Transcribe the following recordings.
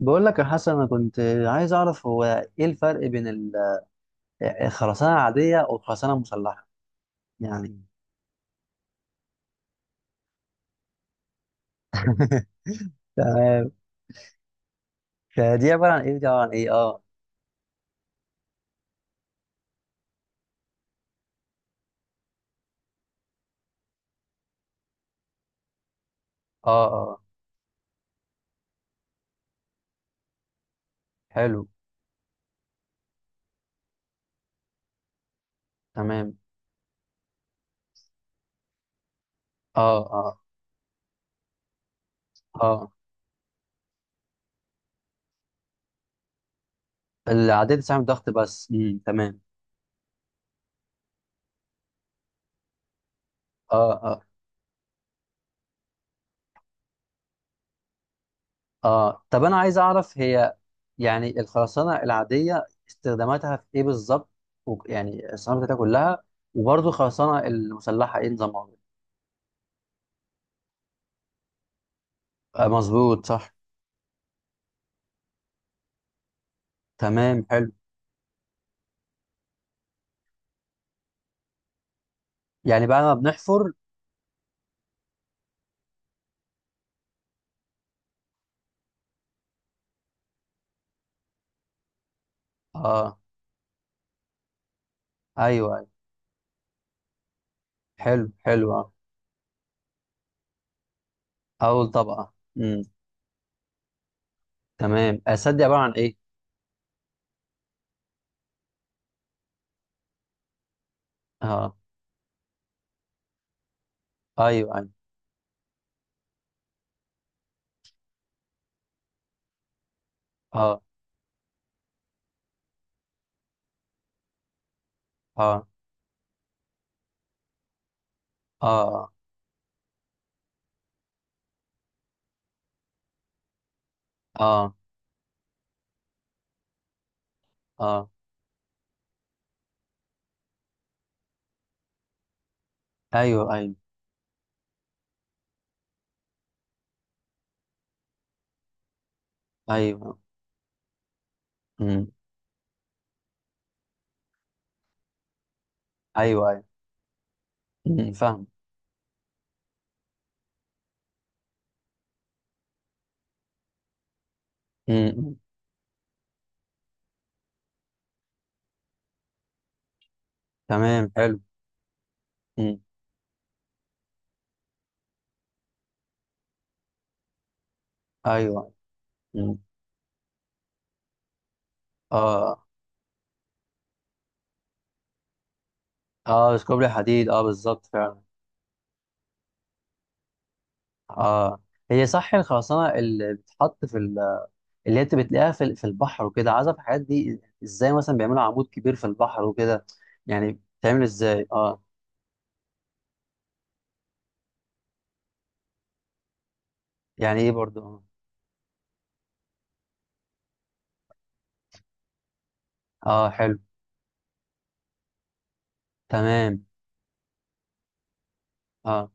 بقول لك يا حسن، انا كنت عايز اعرف هو ايه الفرق بين الخرسانه العاديه والخرسانه المسلحه يعني. تمام. فدي عباره عن ايه دي عباره عن ايه؟ اه. اه، اه، حلو. تمام، اه، اه، اه، العاديه بتستعمل ضغط بس. تمام. اه، اه، اه، طب انا عايز اعرف هي، يعني الخرسانه العاديه استخداماتها في ايه بالظبط؟ يعني الاستخدامات بتاعتها كلها، وبرضه الخرسانه المسلحه ايه نظامها؟ آه، مظبوط، صح. تمام، حلو. يعني بعد ما بنحفر. اه، ايوه، ايوه، حلو، حلو، اه، اول طبقه. امم، تمام. السد دي عباره عن ايه؟ اه، ايوه، ايوه، اه، اه، اه، اه، اه، ايوه، ايوه، ايوه، امم، ايوه، ايوه، امم، فاهم. امم، تمام، حلو. امم، ايوه، امم، اه، اه، بس كوبري حديد، اه بالظبط فعلا. اه، هي صح الخرسانه اللي بتتحط في، اللي انت بتلاقيها في البحر وكده، عايز اعرف الحاجات دي ازاي، مثلا بيعملوا عمود كبير في البحر وكده، يعني بتعمل ازاي؟ اه. يعني ايه برضو؟ اه، اه، حلو، تمام، اه،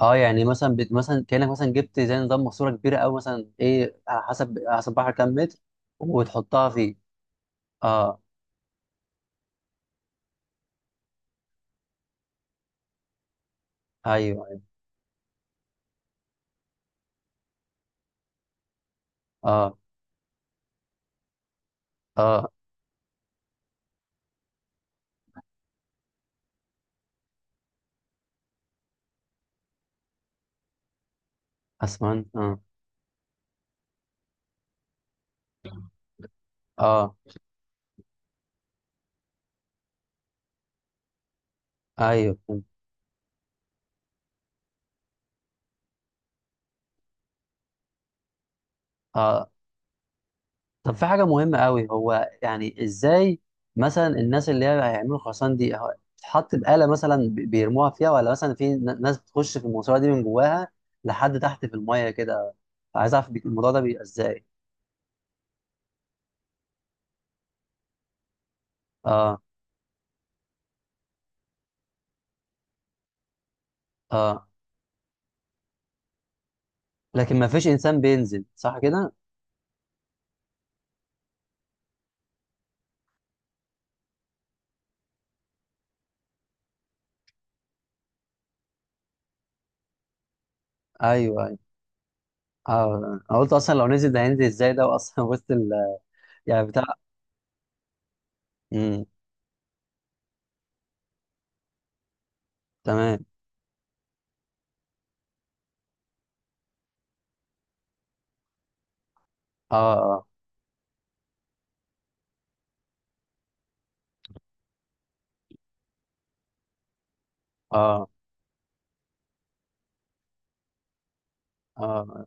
اه، يعني مثلا مثلا كانك مثلا جبت زي نظام ماسوره كبيره، او مثلا ايه، على حسب البحر كام متر. وتحطها فيه. اه، ايوه، ايوه، اه، اه، اسمنت، اه، اه، ايوه فهمت. اه، طب في حاجة مهمة قوي، هو يعني ازاي مثلا الناس اللي هي هيعملوا خرسانة دي، هو بتتحط بآلة، مثلا بيرموها فيها، ولا مثلا في ناس بتخش في الماسورة دي من جواها لحد تحت في المية كده؟ عايز اعرف الموضوع ده بيبقى ازاي؟ اه، اه، لكن ما فيش انسان بينزل صح كده؟ ايوه، ايوه، اه، انا قلت اصلا لو نزل ده هينزل ازاي ده اصلا وسط يعني بتاع، امم، تمام، اه، اه، اه، اه،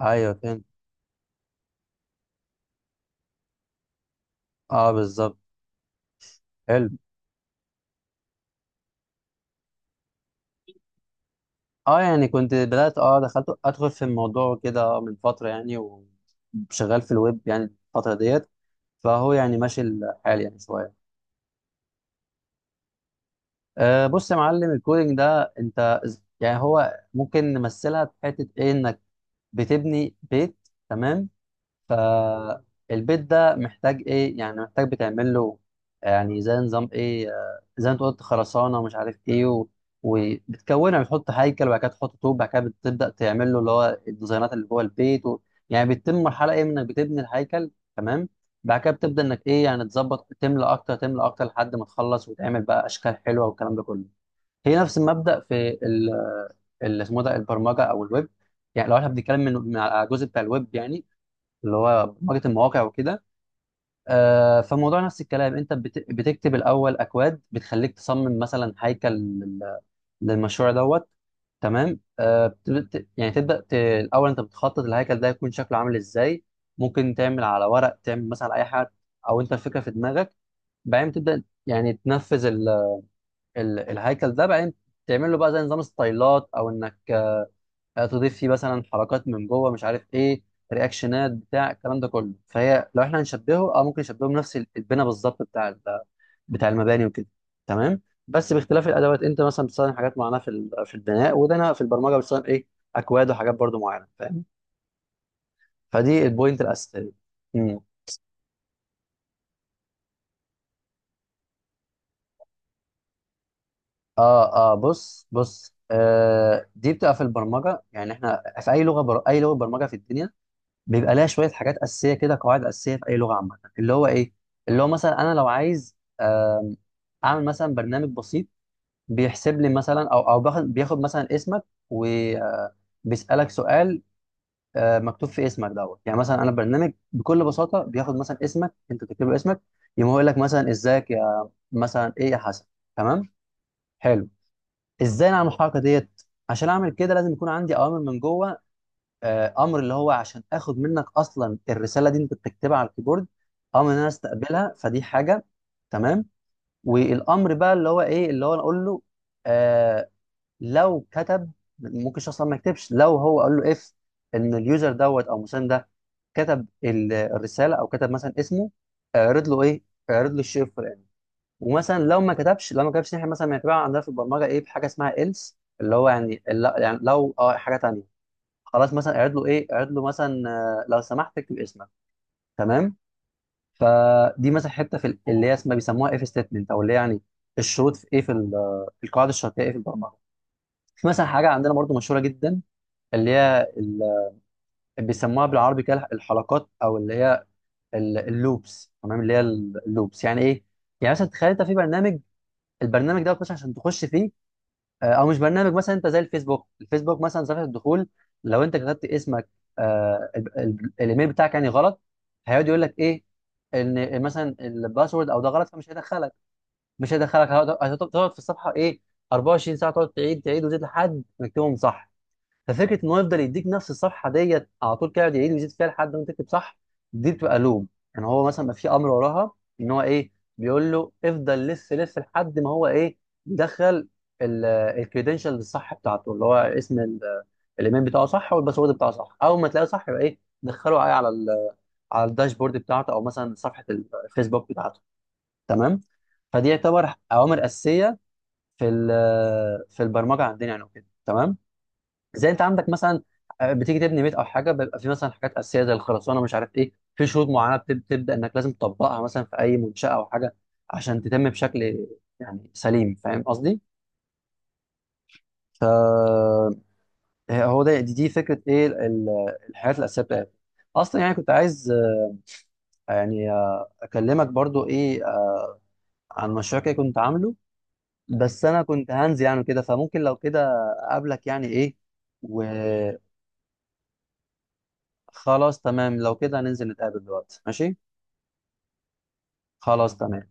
ايوه فهمت. اه بالظبط، حلو. اه، يعني كنت بدأت، اه دخلت ادخل في الموضوع كده من فترة يعني، وشغال في الويب يعني الفترة ديت، فهو يعني ماشي الحال يعني شوية. بص يا معلم، الكودينج ده انت يعني هو ممكن نمثلها في حتة ايه، انك بتبني بيت. تمام. فالبيت ده محتاج ايه يعني؟ محتاج بتعمل له يعني زي نظام ايه، زي ما انت قلت خرسانه ومش عارف ايه وبتكونها بتحط هيكل، وبعد كده تحط طوب، بعد كده بتبدا تعمل له اللي هو الديزاينات اللي جوه البيت يعني بتتم مرحله ايه، انك بتبني الهيكل. تمام. بعد كده بتبدا انك ايه يعني، تظبط، تملى اكتر تملى اكتر لحد ما تخلص، وتعمل بقى اشكال حلوه والكلام ده كله. هي نفس المبدا في اللي اسمه ده البرمجه او الويب. يعني لو احنا بنتكلم من على الجزء بتاع الويب، يعني اللي هو برمجه المواقع وكده. فالموضوع نفس الكلام، انت بتكتب الاول اكواد بتخليك تصمم مثلا هيكل للمشروع دوت. تمام. يعني تبدا الاول انت بتخطط الهيكل ده يكون شكله عامل ازاي. ممكن تعمل على ورق، تعمل مثلا اي حاجه، او انت الفكره في دماغك. بعدين تبدا يعني تنفذ ال الهيكل ده. بعدين تعمل له بقى زي نظام ستايلات، او انك تضيف فيه مثلا حركات من جوه، مش عارف ايه، رياكشنات بتاع الكلام ده كله. فهي لو احنا هنشبهه، ممكن نشبهه بنفس البناء بالظبط، بتاع المباني وكده. تمام. بس باختلاف الادوات، انت مثلا بتستخدم حاجات معينه في البناء، وده انا في البرمجه بستخدم ايه، اكواد وحاجات برضو معينه، فاهم. فدي البوينت الاساسيه. مم. اه، اه، بص بص، دي بتبقى في البرمجه، يعني احنا في اي لغه برمجه في الدنيا بيبقى لها شويه حاجات اساسيه كده، قواعد اساسيه في اي لغه عامه، اللي هو ايه، اللي هو مثلا انا لو عايز اعمل مثلا برنامج بسيط بيحسب لي مثلا، او بياخد مثلا اسمك وبيسالك سؤال، مكتوب في اسمك دوت. يعني مثلا انا برنامج بكل بساطه بياخد مثلا اسمك، انت تكتب له اسمك، يقوم هو يقول لك مثلا ازيك يا مثلا ايه يا حسن. تمام، حلو. ازاي نعمل الحركه ديت؟ عشان اعمل كده لازم يكون عندي اوامر من جوه، امر اللي هو عشان اخد منك اصلا الرساله دي انت بتكتبها على الكيبورد، امر ان انا استقبلها، فدي حاجه. تمام. والامر بقى اللي هو ايه، اللي هو انا اقول له آه لو كتب، ممكن الشخص أصلاً ما يكتبش، لو هو قال له اف، ان اليوزر دوت او مسان ده كتب الرساله او كتب مثلا اسمه، اعرض له ايه، اعرض له الشيء الفلاني. ومثلا لو ما كتبش احنا مثلا بنعتبرها عندنا في البرمجه ايه، بحاجه اسمها else، اللي هو يعني يعني لو حاجه تانيه، خلاص مثلا اعرض له ايه، اعرض له مثلا لو سمحت اكتب اسمك. تمام. فدي مثلا حته اللي هي اسمها بيسموها اف ستيتمنت، او اللي هي يعني الشروط، في ايه، في ال- آه، القواعد الشرطيه ايه في البرمجه. في مثلا حاجه عندنا برضو مشهوره جدا، اللي هي بيسموها بالعربي كده الحلقات، او اللي هي اللوبس. تمام. اللي هي اللوبس يعني ايه؟ يعني مثلا تخيل انت في برنامج، البرنامج ده بتخش، عشان تخش فيه، او مش برنامج، مثلا انت زي الفيسبوك مثلا صفحه الدخول، لو انت كتبت اسمك، الايميل بتاعك يعني غلط، هيقعد يقول لك ايه، ان مثلا الباسورد او ده غلط، فمش هيدخلك. مش هيدخلك، تقعد في الصفحه ايه 24 ساعه، تقعد تعيد تعيد وتزيد لحد ما تكتبهم صح. ففكره ان هو يفضل يديك نفس الصفحه ديت على طول كده، يقعد يعيد ويزيد فيها لحد ما تكتب صح. دي بتبقى لوم. يعني هو مثلا ما في امر وراها، ان هو ايه، بيقول له افضل لف لف لحد ما هو ايه، يدخل الكريدنشال الصح بتاعته، اللي هو اسم الايميل بتاعه صح، والباسورد بتاعه صح، اول ما تلاقيه صح يبقى ايه، دخله على على الداشبورد بتاعته، او مثلا صفحه الفيسبوك بتاعته. تمام. فدي يعتبر اوامر اساسيه في البرمجه عندنا يعني وكده. تمام. زي انت عندك مثلا، بتيجي تبني بيت او حاجه، بيبقى في مثلا حاجات اساسيه زي الخرسانه، مش عارف ايه، في شروط معينه تبدا انك لازم تطبقها مثلا في اي منشاه او حاجه عشان تتم بشكل يعني سليم، فاهم قصدي؟ فهو ده، دي فكره ايه الحاجات الاساسيه بتاعتي اصلا. يعني كنت عايز يعني آه، اكلمك برضو ايه عن مشروع كده كنت عامله، بس انا كنت هنزل يعني كده، فممكن لو كده اقابلك يعني ايه، وخلاص. تمام. لو كده هننزل نتقابل دلوقتي، ماشي. خلاص، تمام.